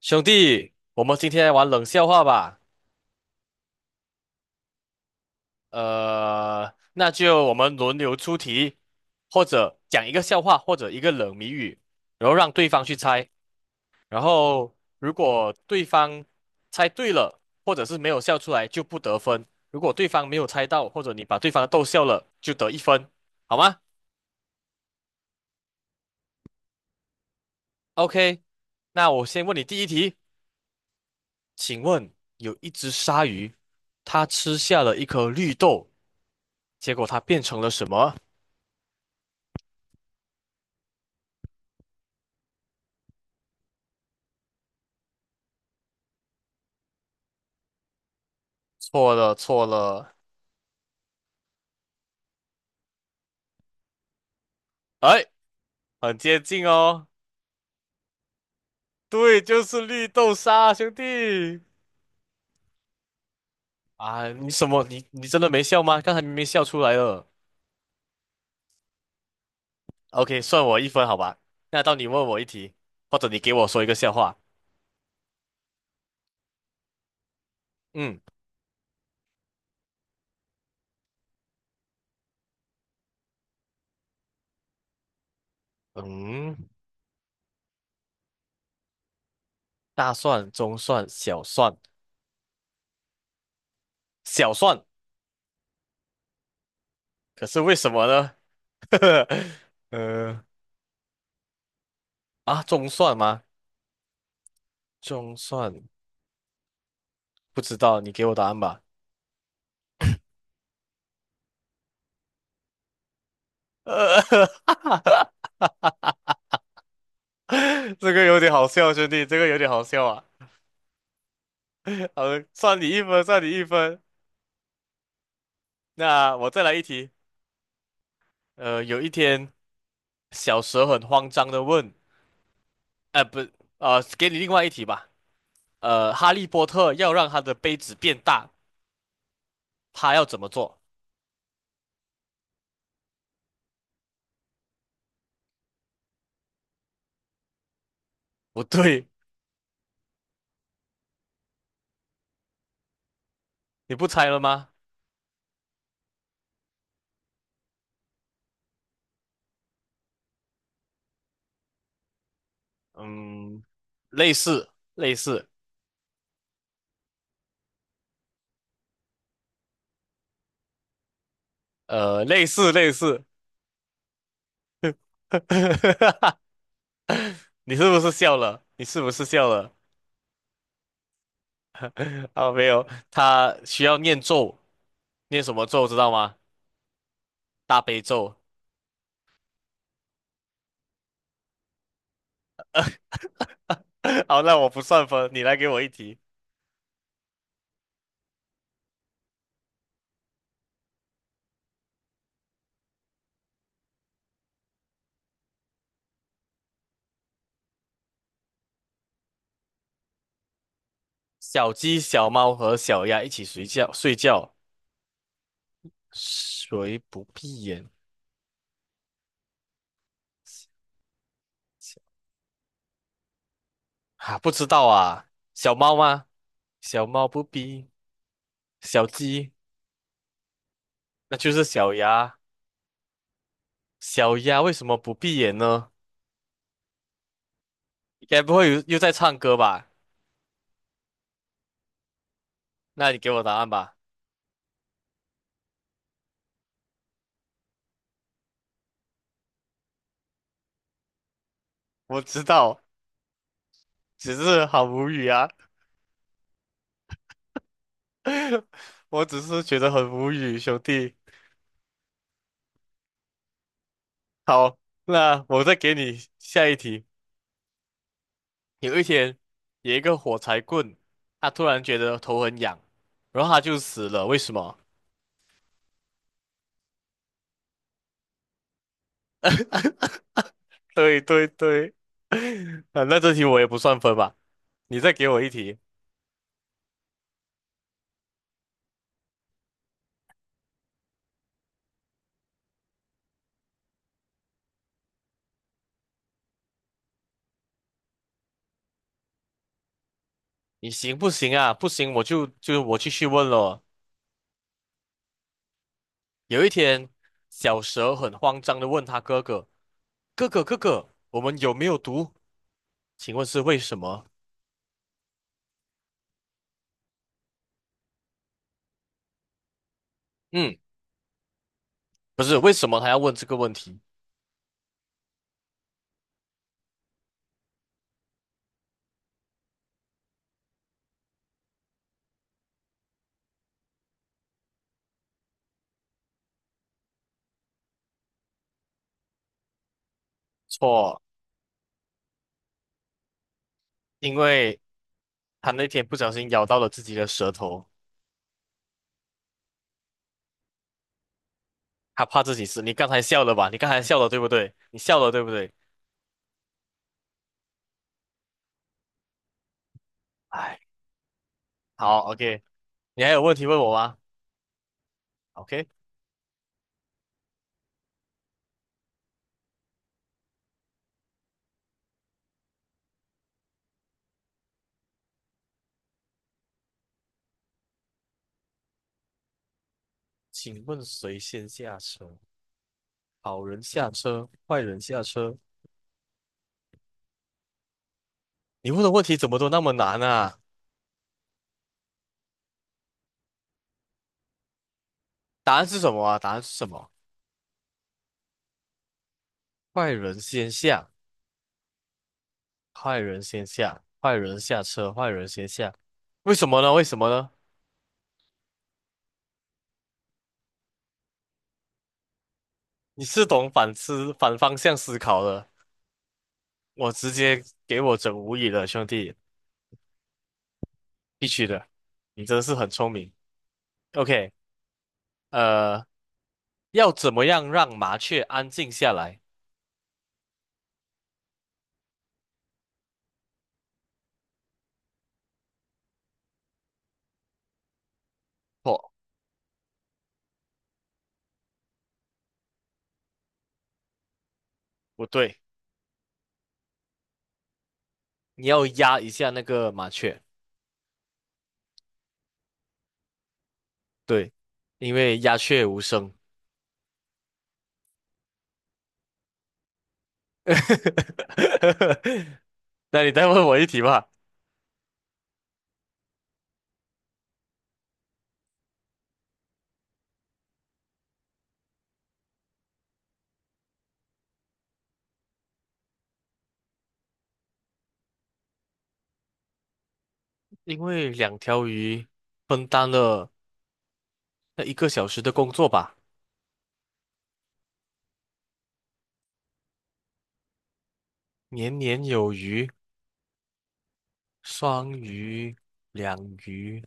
兄弟，我们今天来玩冷笑话吧。那就我们轮流出题，或者讲一个笑话，或者一个冷谜语，然后让对方去猜。然后如果对方猜对了，或者是没有笑出来，就不得分；如果对方没有猜到，或者你把对方逗笑了，就得一分，好吗？OK，那我先问你第一题，请问有一只鲨鱼，它吃下了一颗绿豆，结果它变成了什么？错了错了，哎，很接近哦。对，就是绿豆沙，兄弟。啊，你什么？你真的没笑吗？刚才明明笑出来了。OK，算我一分，好吧？那到你问我一题，或者你给我说一个笑话。嗯嗯，大蒜、中蒜、小蒜、小蒜，可是为什么呢？呃，啊，中蒜吗？中蒜，不知道，你给我答案吧。呃，这个有点好笑，兄弟，这个有点好笑啊。好算你一分，算你一分。那我再来一题。有一天，小蛇很慌张的问，呃，不，呃，给你另外一题吧。哈利波特要让他的杯子变大，他要怎么做？不对，你不猜了吗？嗯，类似，类似，类似，类似。你是不是笑了？你是不是笑了？啊，没有，他需要念咒，念什么咒知道吗？大悲咒。好，那我不算分，你来给我一题。小鸡、小猫和小鸭一起睡觉，睡觉，谁不闭眼？啊，不知道啊，小猫吗？小猫不闭，小鸡，那就是小鸭。小鸭为什么不闭眼呢？该不会又在唱歌吧？那你给我答案吧。我知道，只是好无语啊，我只是觉得很无语，兄弟。好，那我再给你下一题。有一天，有一个火柴棍，他突然觉得头很痒，然后他就死了。为什么？对对对，啊，那这题我也不算分吧？你再给我一题，你行不行啊？不行，我就继续问了。有一天，小蛇很慌张的问他哥哥：“哥哥，哥哥，我们有没有毒？请问是为什么？”嗯，不是，为什么他要问这个问题？错，因为他那天不小心咬到了自己的舌头。他怕自己死。你刚才笑了吧？你刚才笑了对不对？你笑了对不对？哎，好，OK。你还有问题问我吗？OK，请问谁先下车？好人下车，坏人下车。你问的问题怎么都那么难啊？答案是什么啊？答案是什么？坏人先下，坏人先下，坏人下车，坏人先下。为什么呢？为什么呢？你是懂反思、反方向思考的，我直接给我整无语了，兄弟，必须的，你真是很聪明。OK。呃，要怎么样让麻雀安静下来？错，不对，你要压一下那个麻雀，对，因为鸦雀无声。那你再问我一题吧。因为两条鱼分担了那一个小时的工作吧，年年有余，双鱼、两鱼、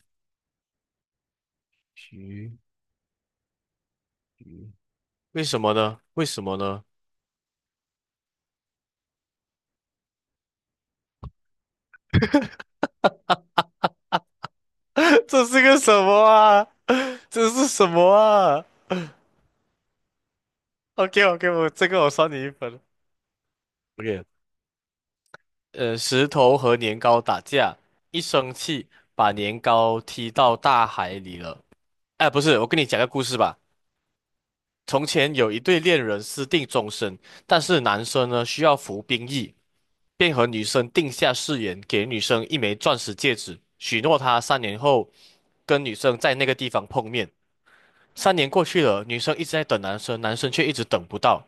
鱼鱼，为什么呢？为什么呢？这是个什么啊？这是什么啊？OK OK，我这个我算你一分。OK，石头和年糕打架，一生气把年糕踢到大海里了。哎，不是，我跟你讲个故事吧。从前有一对恋人私定终身，但是男生呢需要服兵役，便和女生定下誓言，给女生一枚钻石戒指，许诺她三年后跟女生在那个地方碰面。三年过去了，女生一直在等男生，男生却一直等不到。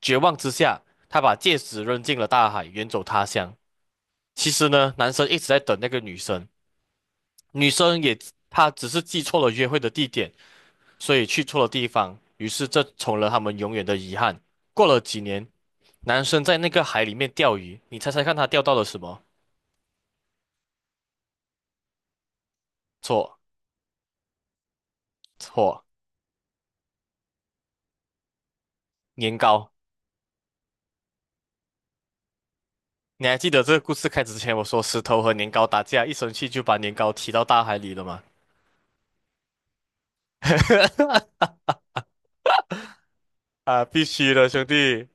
绝望之下，他把戒指扔进了大海，远走他乡。其实呢，男生一直在等那个女生，女生也，她只是记错了约会的地点，所以去错了地方，于是这成了他们永远的遗憾。过了几年，男生在那个海里面钓鱼，你猜猜看他钓到了什么？错错，年糕。你还记得这个故事开始之前我说石头和年糕打架，一生气就把年糕踢到大海里了吗？啊，必须的，兄弟。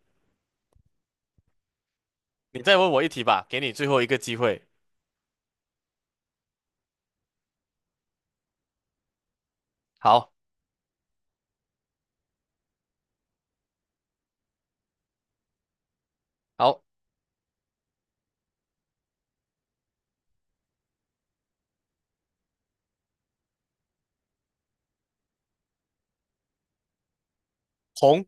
你再问我一题吧，给你最后一个机会。好，好，红，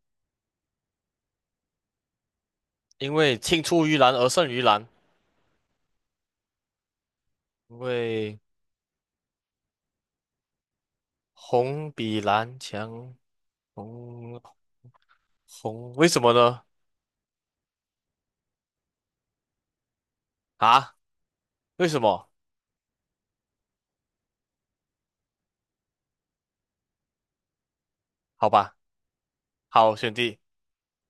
因为青出于蓝而胜于蓝，因为红比蓝强。红红，为什么呢？啊，为什么？好吧，好，选 D。